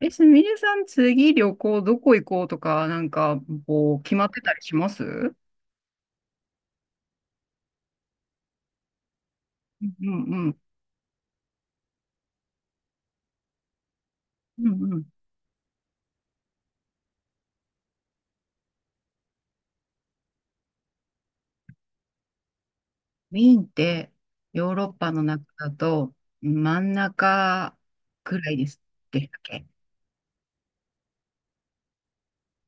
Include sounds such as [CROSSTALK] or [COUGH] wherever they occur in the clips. すみれさん、次旅行どこ行こうとか、決まってたりします？うんうんうん。うんうん。ウィーンって、ヨーロッパの中だと、真ん中くらいです。でしたっけ？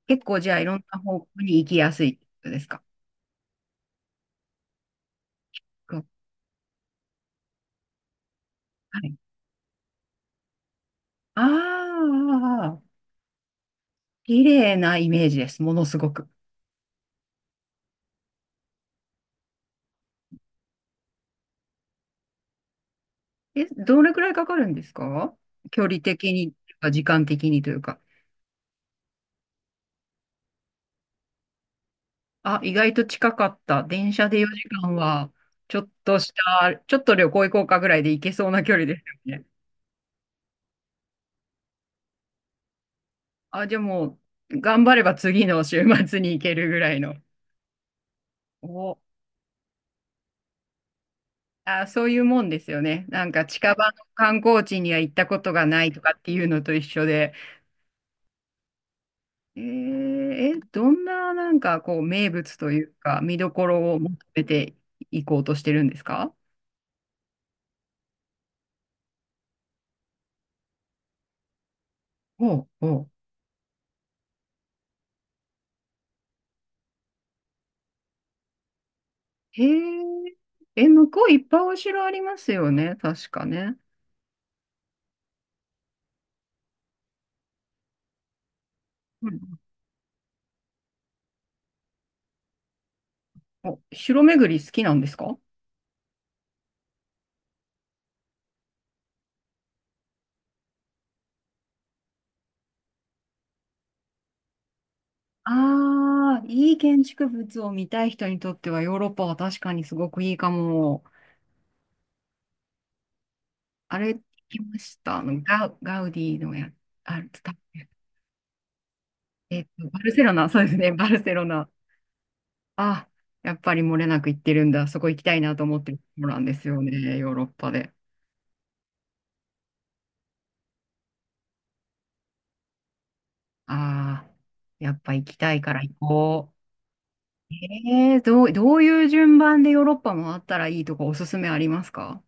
結構、じゃあ、いろんな方向に行きやすいですか？こうはい。ああ、綺麗なイメージです。ものすごく。え、どれくらいかかるんですか？距離的に、時間的にというか。あ、意外と近かった。電車で4時間は、ちょっと旅行行こうかぐらいで行けそうな距離ですよね。あ、じゃあ頑張れば次の週末に行けるぐらいの。お、あ、そういうもんですよね。なんか近場の観光地には行ったことがないとかっていうのと一緒で。えーえ、どんな名物というか見どころを求めていこうとしてるんですか？おうおへえ。え、向こういっぱいお城ありますよね、確かね。うん。お、城巡り好きなんですか？ああー、いい建築物を見たい人にとってはヨーロッパは確かにすごくいいかも。あれ、聞きました。ガウディのあれ、伝わえっと、バルセロナ、そうですね、バルセロナ。あ、やっぱり漏れなく行ってるんだ。そこ行きたいなと思ってるところなんですよね、ヨーロッパで。ああ、やっぱ行きたいから行こう。どういう順番でヨーロッパ回ったらいいとかおすすめありますか？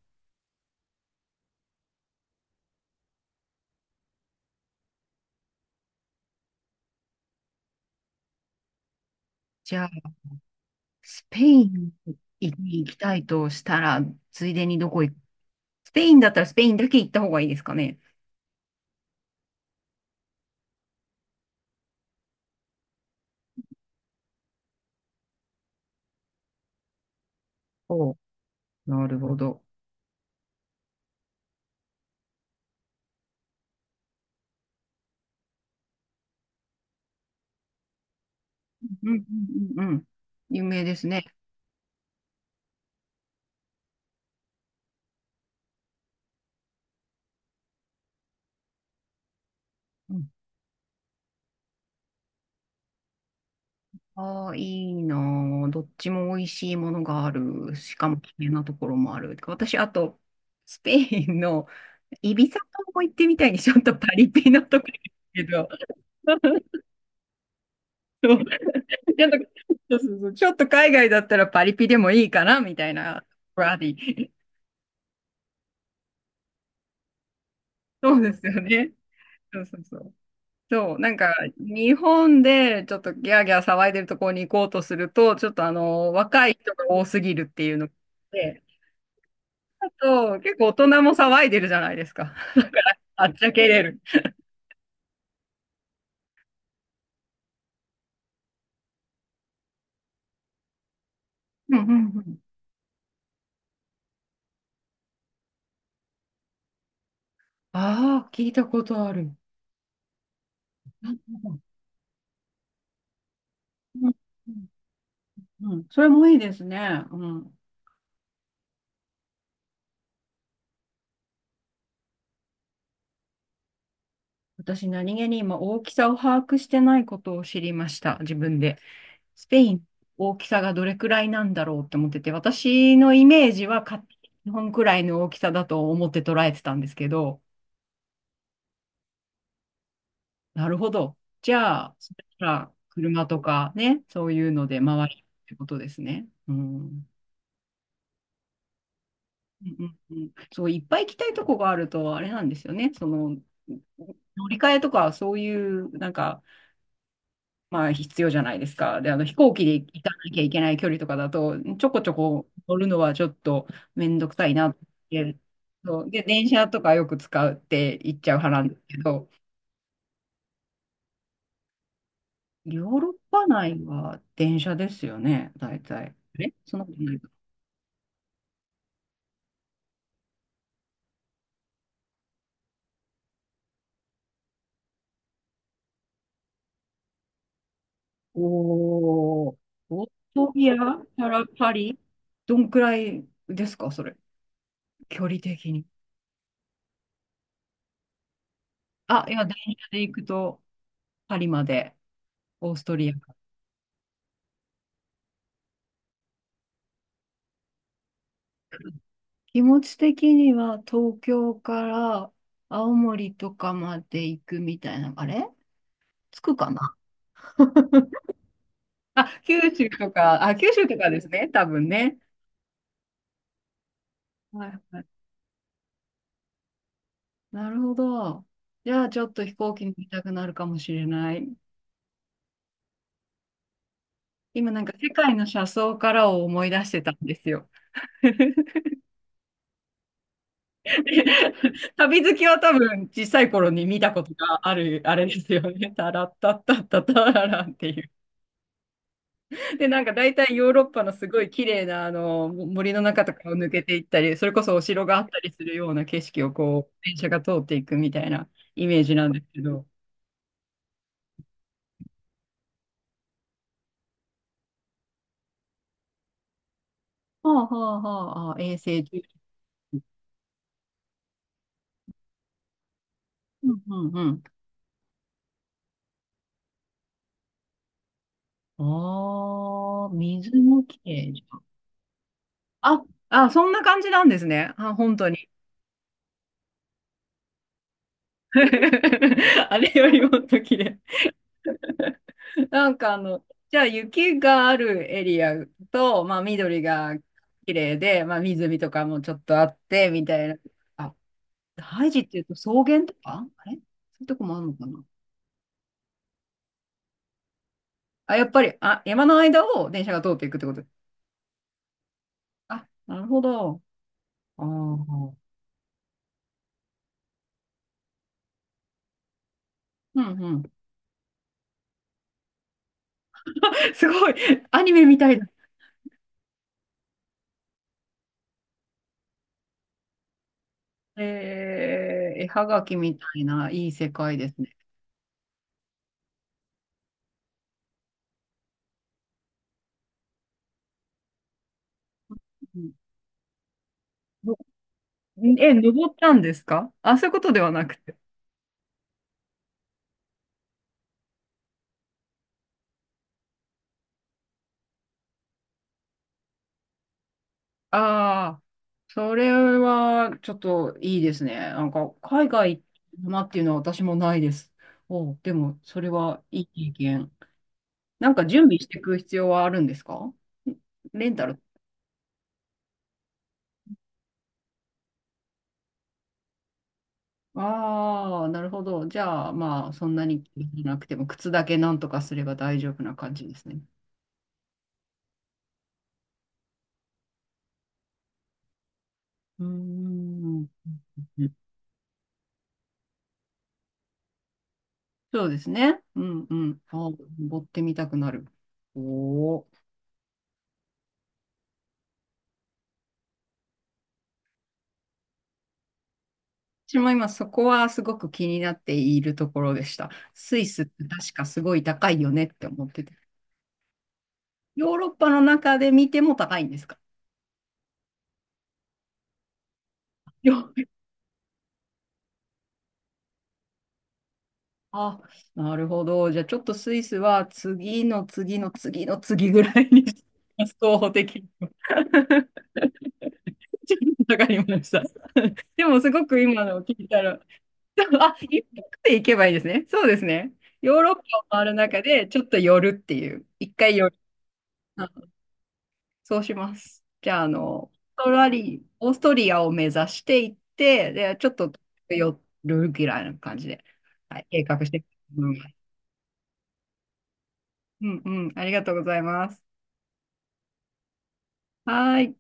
じゃあ、スペインに行きたいとしたら、ついでにどこ行く？スペインだったらスペインだけ行った方がいいですかね？おう、なるほど。うんうんうんうん。有名ですね。うん、ああ、いいなあ、どっちも美味しいものがある。しかも綺麗なところもある。私、あと、スペインのイビサ島も行ってみたいに、ちょっとパリピなところですけど。[LAUGHS] ちょっと、そうちょっと海外だったらパリピでもいいかなみたいな、バディ。そうですよね。そうそうそう。そう、なんか、日本でちょっとギャーギャー騒いでるところに行こうとすると、ちょっと若い人が多すぎるっていうので、あと、結構大人も騒いでるじゃないですか。[LAUGHS] あっちゃけれる。うんうんうん。ああ、聞いたことある。うんうんうんうんうん、それもいいですね。うん。私、何気に今、大きさを把握してないことを知りました、自分で。スペイン、大きさがどれくらいなんだろうって思ってて、私のイメージは勝手に日本くらいの大きさだと思って捉えてたんですけど、なるほど。じゃあ、そしたら車とかね、そういうので回るってことですね。うん。うん、そう、いっぱい行きたいとこがあると、あれなんですよね。その、乗り換えとか、そういう、まあ必要じゃないですか。で、あの飛行機で行かなきゃいけない距離とかだと、ちょこちょこ乗るのはちょっとめんどくさいなって。そうで、電車とかよく使うって言っちゃう派なんですけど、ヨーロッパ内は電車ですよね、大体。え、そんなことないか。おー、オーストリアからパリどんくらいですか、それ。距離的に。あ、いや、電車で行くとパリまで、オーストリア。気持ち的には東京から青森とかまで行くみたいな、あれつくかな？あ、九州とか、あ、九州とかですね、多分ね。はいはい。なるほど。じゃあちょっと飛行機に行きたくなるかもしれない。今なんか世界の車窓からを思い出してたんですよ。[LAUGHS] 旅好きは多分小さい頃に見たことがある、あれですよね。タラッタッタッタタラランっていう。で、なんか大体ヨーロッパのすごい綺麗なあの森の中とかを抜けていったり、それこそお城があったりするような景色をこう、電車が通っていくみたいなイメージなんですけど。はあはあはあ、あ、衛星重視。うんうんうん。ああ、水も綺麗じゃん。あ、あ、そんな感じなんですね。あ、本当に。[LAUGHS] あれよりもっと綺麗。なんかじゃあ雪があるエリアと、まあ緑が綺麗で、まあ湖とかもちょっとあって、みたいな。あ、ハイジっていうと草原とかあれそういうとこもあるのかな？あ、やっぱり、あ、山の間を電車が通っていくってこと。あ、なるほど。ああ、うんうん。[LAUGHS] すごい、アニメみたいな。えー、絵はがきみたいな、いい世界ですね。うんのえ、登ったんですか？あ、そういうことではなくて。ああ、それはちょっといいですね。なんか海外行ったなっていうのは私もないです。おう、でもそれはいい経験。なんか準備していく必要はあるんですか？レンタル。ああ、なるほど。じゃあまあそんなに気になくても靴だけなんとかすれば大丈夫な感じですね。うーん。そうですね。うんうん。ああ、登ってみたくなる。おお。私も今そこはすごく気になっているところでした。スイスって確かすごい高いよねって思ってて。ヨーロッパの中で見ても高いんですか？よあ、なるほど。じゃあちょっとスイスは次の次の次の次ぐらいに候補的に [LAUGHS] ちょっと [LAUGHS] わかりました。でもすごく今のを聞いたら、であ、一泊で行けばいいですね。そうですね。ヨーロッパを回る中でちょっと寄るっていう。一回寄る。そうします。じゃあ、あの、オーストリアを目指していって、で、ちょっと寄るぐらいな感じで、はい、計画していきます。うんうん、ありがとうございます。はーい。